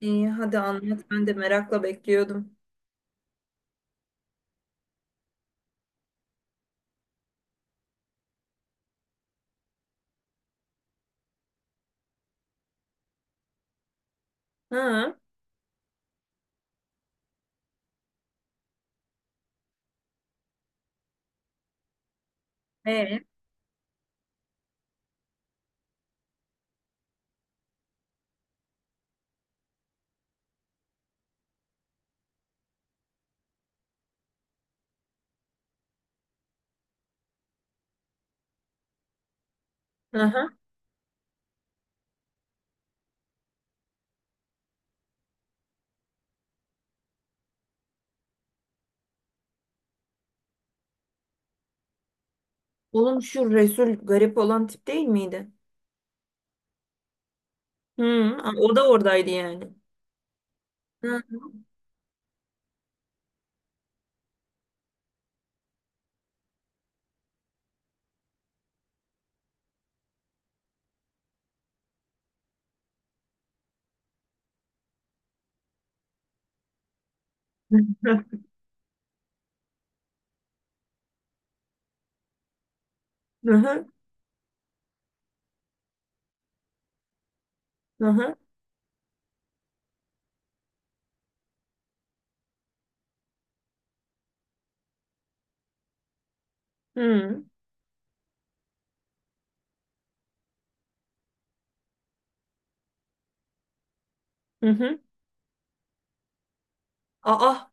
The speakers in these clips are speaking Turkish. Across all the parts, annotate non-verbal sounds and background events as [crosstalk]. İyi, hadi anlat. Ben de merakla bekliyordum. Ha? E. Aha. Oğlum, şu Resul garip olan tip değil miydi? Hı, o da oradaydı yani. Hı. [laughs] Aha. Aha. Hı. Hı hı. Aa.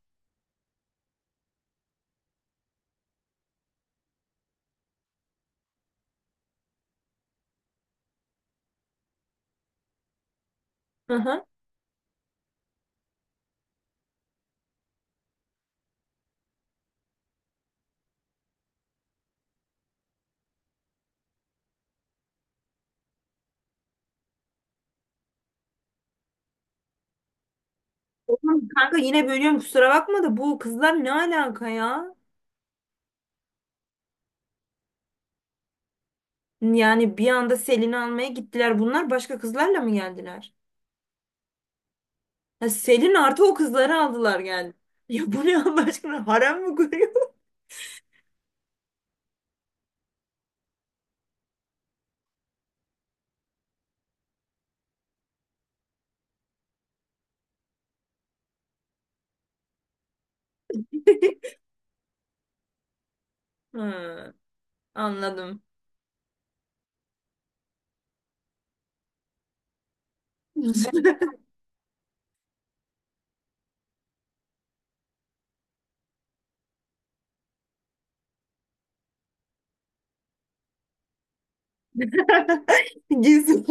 Aha. Oğlum kanka, yine bölüyorum kusura bakma da bu kızlar ne alaka ya? Yani bir anda Selin'i almaya gittiler. Bunlar başka kızlarla mı geldiler? Ha, Selin artı o kızları aldılar geldi. [laughs] Ya bu ne Allah aşkına, harem mi kuruyor? [laughs] Ha. Anladım. [laughs] Gizli.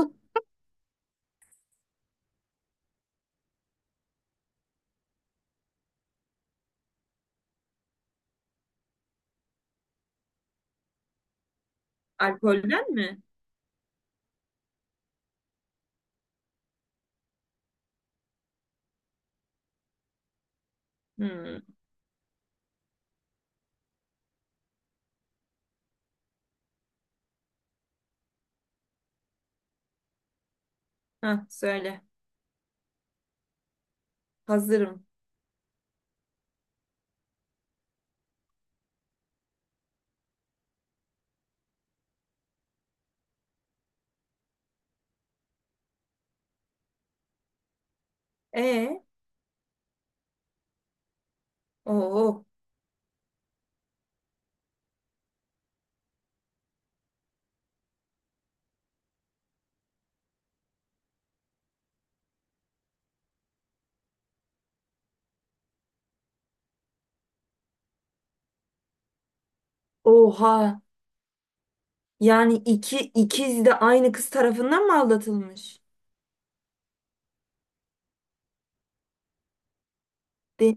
Alkolden mi? Hmm. Hah, söyle. Hazırım. E, oo, oha. Yani iki ikiz de aynı kız tarafından mı aldatılmış? De.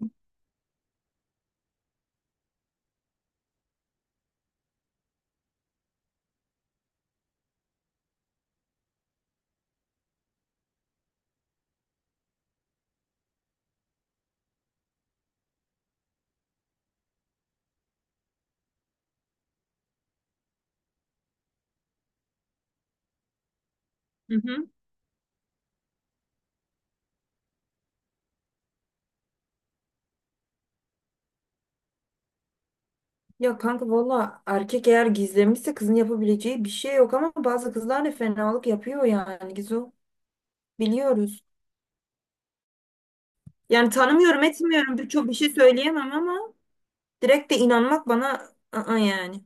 Hı hı. Ya kanka, valla erkek eğer gizlemişse kızın yapabileceği bir şey yok, ama bazı kızlar da fenalık yapıyor yani Gizu. Biliyoruz. Yani tanımıyorum etmiyorum, birçok bir şey söyleyemem ama direkt de inanmak bana yani.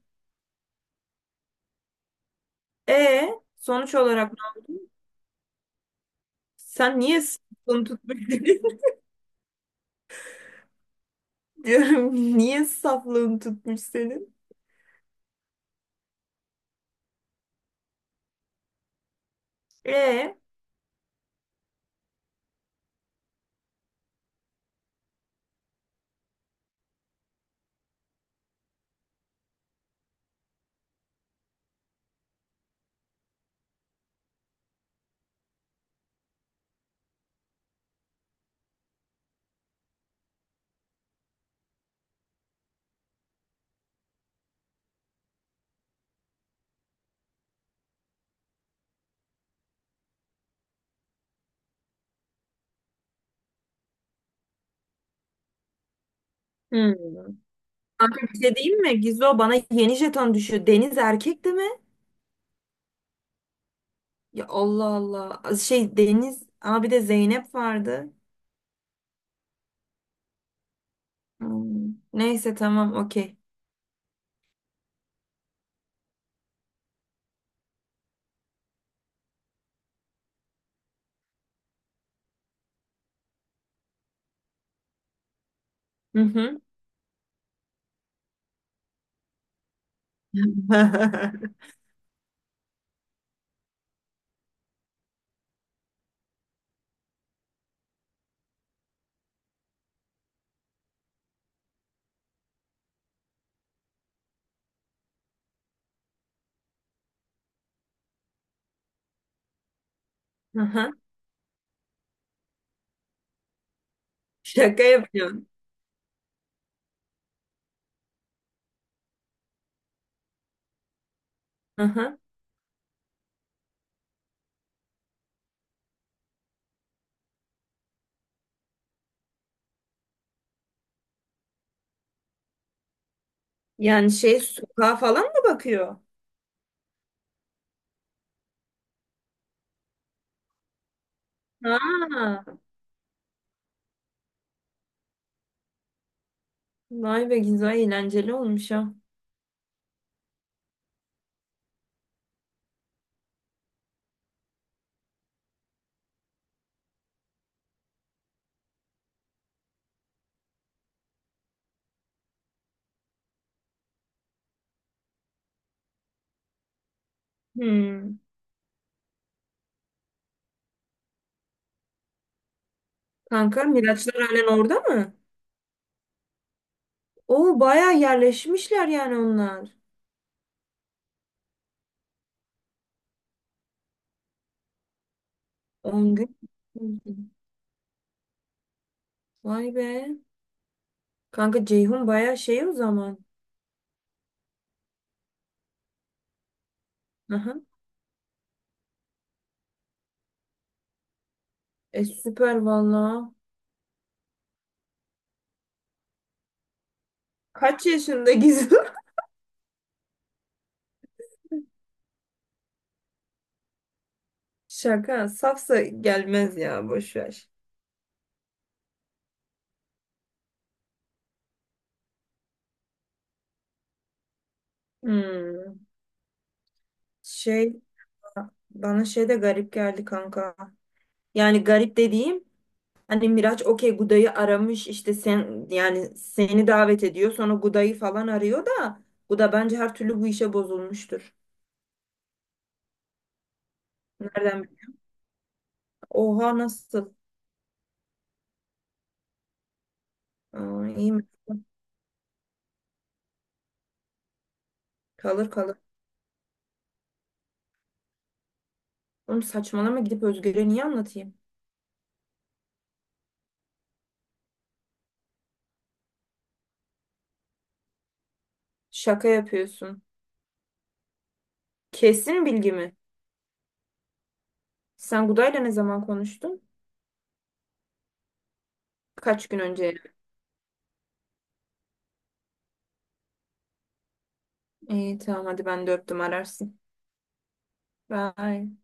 E, sonuç olarak. Sen niye saflığını tutmuş dedin? [laughs] Diyorum niye saflığını tutmuş senin? E. Hmm. Kanka bir şey diyeyim mi? Gizo, bana yeni jeton düşüyor. Deniz erkek de mi? Ya Allah Allah. Şey, Deniz ama bir de Zeynep vardı. Hmm. Neyse, tamam, okey. Hı hı. [laughs] Hı hı. Şaka yapıyorsun. Hı hı. Yani şey, sokağa falan mı bakıyor? Ha, vay be Gizo, eğlenceli olmuş ha. Hmm. Kanka Miraçlar halen orada mı? Oo, bayağı yerleşmişler yani onlar. 10 gün. Vay be. Kanka Ceyhun bayağı şey o zaman. Aha. E süper valla. Kaç yaşında Gizu? [laughs] Şaka. Safsa gelmez, ya boş ver. Hmm. Şey, bana şey de garip geldi kanka. Yani garip dediğim, hani Miraç okey, Guda'yı aramış işte, sen yani seni davet ediyor sonra Guda'yı falan arıyor da Guda bence her türlü bu işe bozulmuştur. Nereden bil-. Oha, nasıl? Aa, iyi mi? Kalır kalır. Oğlum saçmalama, gidip Özgür'e niye anlatayım? Şaka yapıyorsun. Kesin bilgi mi? Sen Guda'yla ne zaman konuştun? Kaç gün önce? İyi, tamam, hadi ben de öptüm, ararsın. Bye.